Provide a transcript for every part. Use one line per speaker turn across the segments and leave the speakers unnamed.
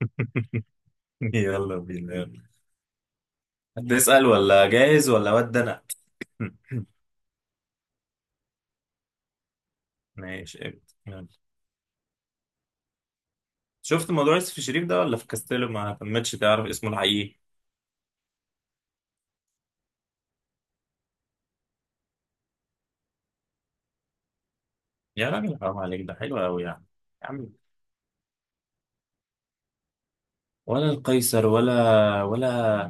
يلا بينا يلا. هتسأل ولا جاهز ولا ود انا؟ ماشي ابدا يلا. شفت موضوع يوسف الشريف ده ولا في كاستيلو ما تمتش تعرف اسمه الحقيقي؟ يا راجل حرام عليك، ده حلو قوي يعني. يا عم ولا القيصر ولا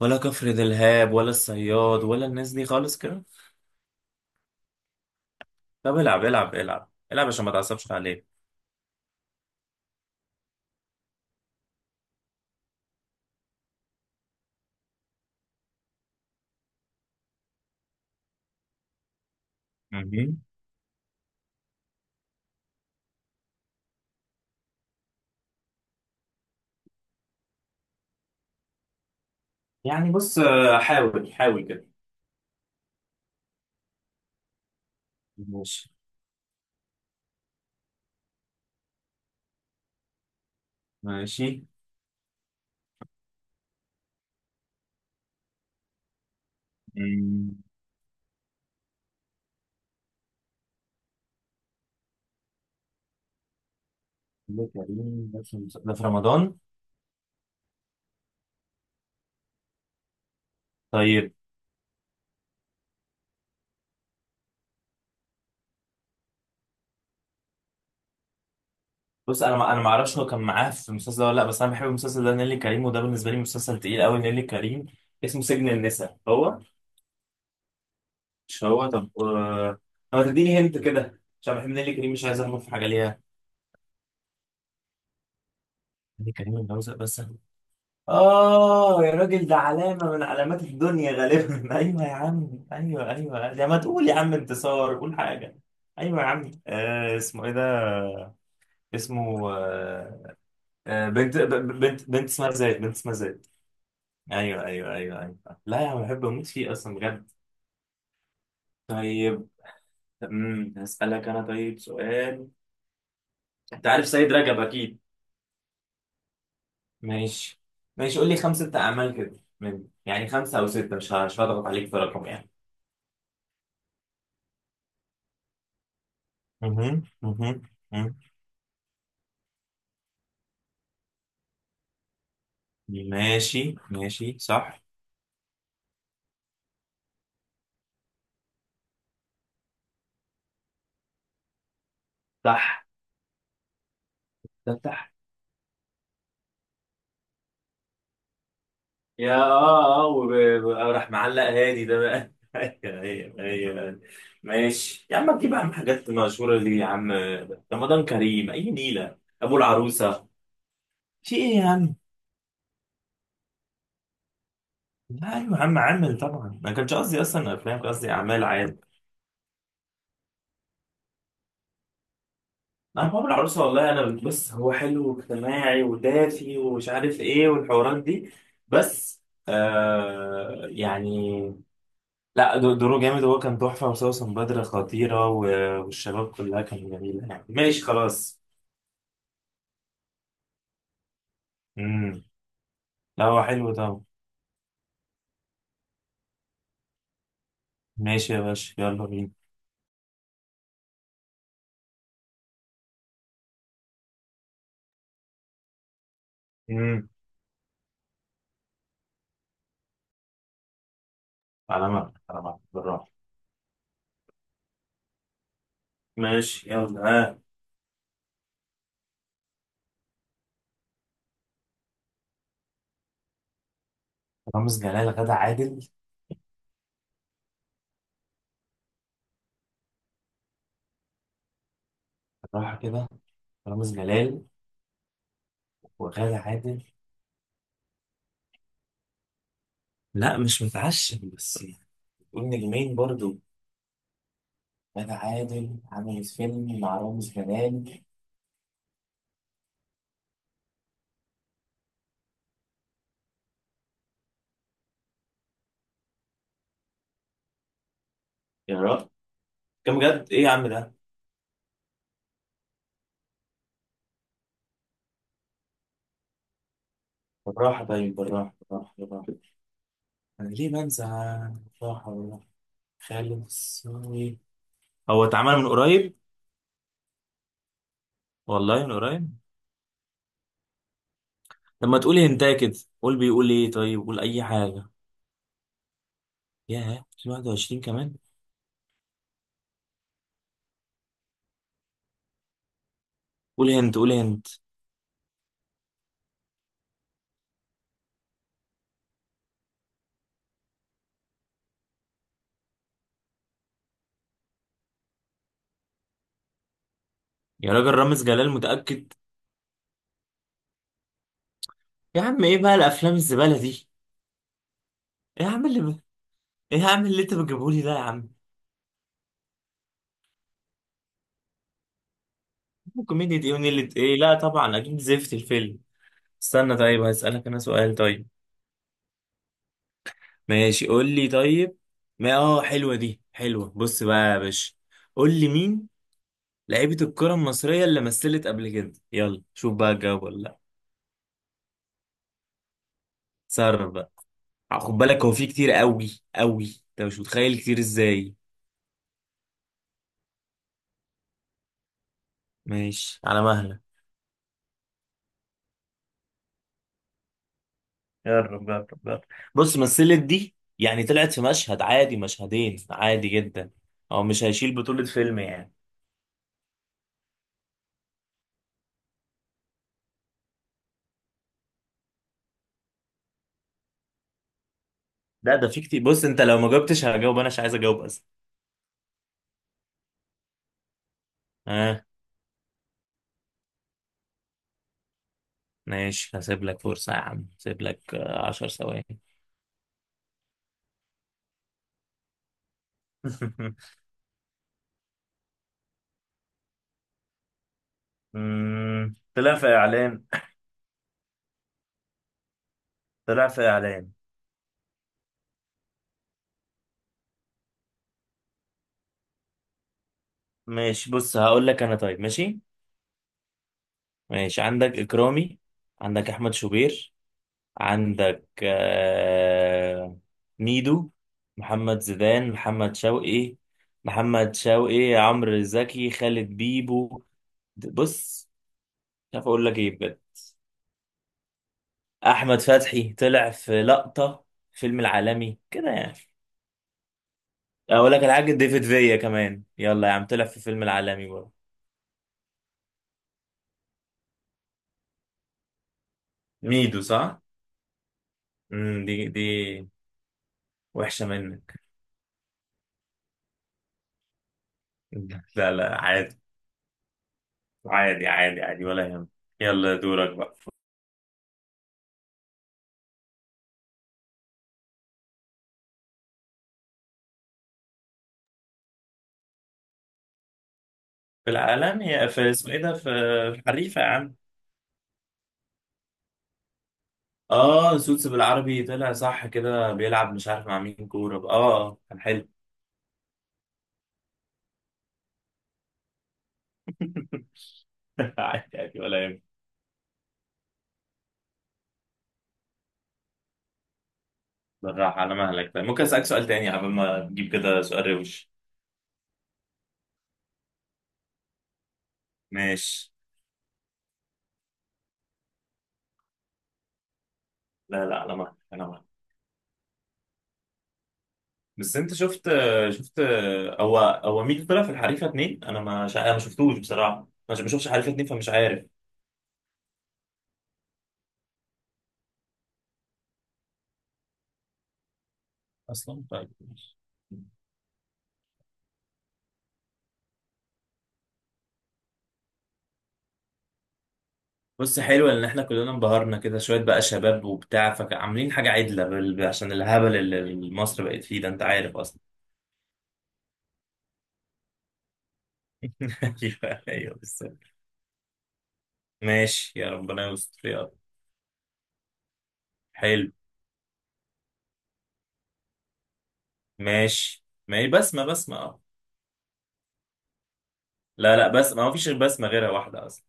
ولا كفر دلهاب ولا الصياد ولا الناس دي خالص كده. طب العب العب العب العب عشان ما تعصبش عليك. مهم. يعني بص، حاول حاول كده. ماشي ماشي. مم. ده كريم، ده في، ده في رمضان؟ طيب بص انا ما اعرفش هو كان معاه في المسلسل ده ولا لا، بس انا بحب المسلسل ده نيلي كريم، وده بالنسبه لي مسلسل تقيل قوي نيلي كريم. اسمه سجن النساء هو؟ مش هو؟ طب طب ما تديني هنت كده عشان بحب نيلي كريم، مش عايز اغلط في حاجه ليها. نيلي كريم متجوزه بس؟ اه يا راجل، ده علامه من علامات الدنيا غالبا. ايوه يا عم ايوه ايوه، يا ما تقول يا عم انتصار، قول حاجه. ايوه يا عم، آه، اسمه ايه ده؟ اسمه آه، بنت بنت اسمها زيد، بنت اسمها زيد. ايوه ايوه ايوه ايوه، لا يا عم بحب اموت فيه اصلا بجد. طيب. امم، هسألك انا طيب سؤال. انت عارف سيد رجب اكيد. ماشي ماشي. قول لي خمسة اعمال كده، من يعني خمسة او ستة، مش هضغط عليك في رقم يعني. مهم، مهم، مهم. ماشي ماشي صح. صح. ده صح. يا اه اه راح معلق هادي ده بقى. ايوه ايوه ايوه. ماشي يا عم، تجيب يا عم حاجات مشهورة دي يا عم؟ رمضان كريم اي نيلة. ابو العروسة. في ايه يا عم؟ لا ايوه يا عم عامل طبعا، ما كانش قصدي اصلا افلام، كان قصدي اعمال عادي. انا بابا العروسه، والله انا بص هو حلو واجتماعي ودافي ومش عارف ايه والحوارات دي، بس آه يعني. لا دوره جامد، هو كان تحفه، وسوسن بدر خطيره، والشباب كلها كانت جميله يعني. ماشي خلاص. امم. لا هو حلو طبعا. ماشي يا باشا يلا بينا. امم. على ما، على ما بالراحه. ماشي يلا ها. رامز جلال، غدا عادل. بالراحه كده. رامز جلال. وغادة عادل. لا مش متعشم، بس يعني قول نجمين برضو. غادة عادل عملت فيلم مع رامز جلال؟ يا رب، كم جد ايه يا عم ده؟ بالراحة باين، بالراحة بالراحة بالراحة. انا ليه بنزع بالراحة بالراحة. خالد الصاوي. هو اتعمل من قريب؟ والله من قريب. لما تقول هنتايه كده. قول، بيقول ايه؟ طيب قول اي حاجة. ياه، 2021 كمان. قول هنت، قول هنت. يا راجل رامز جلال متأكد؟ يا عم ايه بقى الافلام الزبالة دي؟ ايه يا عم اللي، ايه يا عم اللي انت بتجيبه لي ده يا عم؟ كوميديا دي اللي ايه؟ لا طبعا اكيد زفت الفيلم. استنى، طيب هسألك انا سؤال طيب. ماشي، قول لي طيب. ما اه، حلوة دي حلوة. بص بقى يا باشا، قول لي مين لعيبة الكرة المصرية اللي مثلت قبل كده، يلا شوف بقى الجواب ولا لا. تصرف بقى. خد بالك هو في كتير قوي قوي، انت مش متخيل كتير ازاي. ماشي على مهلك. يا رب يا رب يا رب. بص مثلت دي يعني طلعت في مشهد عادي، مشهدين عادي جدا. هو مش هيشيل بطولة فيلم يعني. لا ده في كتير، بص انت لو ما جاوبتش هجاوب انا، مش عايز اجاوب اصلا. اه. ماشي هسيب لك فرصة يا عم، هسيب لك عشر ثواني. مم، طلع في اعلان. طلع في اعلان. ماشي بص هقول لك انا طيب. ماشي ماشي. عندك اكرامي، عندك احمد شوبير، عندك ميدو، محمد زيدان، محمد شوقي، محمد شوقي، عمرو زكي، خالد بيبو. بص، مش عارف اقول لك ايه بجد. احمد فتحي طلع في لقطة، فيلم العالمي كده يعني. اقول لك الحاج ديفيد فيا كمان، يلا يا عم، طلع في فيلم العالمي برضه. ميدو صح. امم، دي دي وحشة منك. لا لا عادي، عادي عادي عادي، ولا يهم. يلا دورك بقى. في العالم هي في اسمه ايه ده، في في حريفة يا عم. اه سوتس بالعربي، طلع صح كده بيلعب مش عارف مع مين كورة، اه كان حلو. عادي عادي ولا يهمك. بالراحة على مهلك. طيب ممكن أسألك سؤال تاني قبل ما تجيب كده، سؤال روش. ماشي. لا لا على مهلك على مهلك. بس انت شفت هو هو مين طلع في الحريفة اتنين؟ انا ما شا... انا ما شفتوش بصراحة، ما شفتش حريفة اتنين فمش عارف اصلا. طيب ماشي. بص حلو ان احنا كلنا انبهرنا كده شويه بقى شباب وبتاع فعاملين حاجه عدله عشان الهبل اللي مصر بقت فيه ده، انت عارف اصلا. ايوه ايوه بس. ماشي يا ربنا يستر يا رب. حلو. ماشي ما هي بسمه، بسمه اه. لا لا بس ما فيش غير بسمه غيرها واحده اصلا.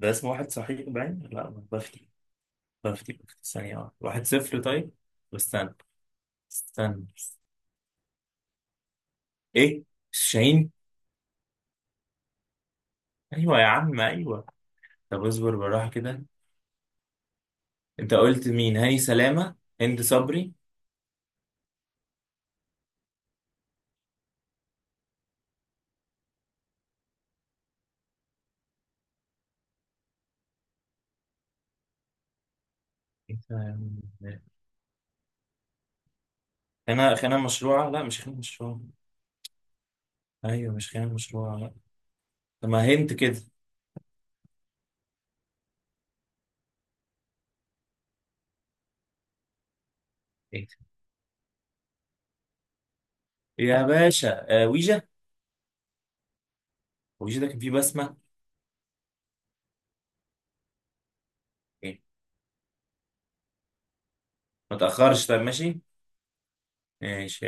ده اسم واحد صحيح باين، لا ما بفتي. بفتي بفتي ثانيه واحده، واحد صفر طيب. استنى استنى. ايه؟ شاهين. ايوه يا عم ايوه. طب اصبر بالراحه كده. انت قلت مين؟ هاني سلامه، هند صبري. إيه فاهم؟ خناقة، خناقة مشروعة؟ لا مش خناقة مشروعة. أيوة مش خناقة مشروعة لا. طب ما هنت كده. ايه ده؟ يا باشا آه، ويجا. ويجا ده كان فيه بسمة. إيه؟ ما تأخرش، طب ماشي. ماشي.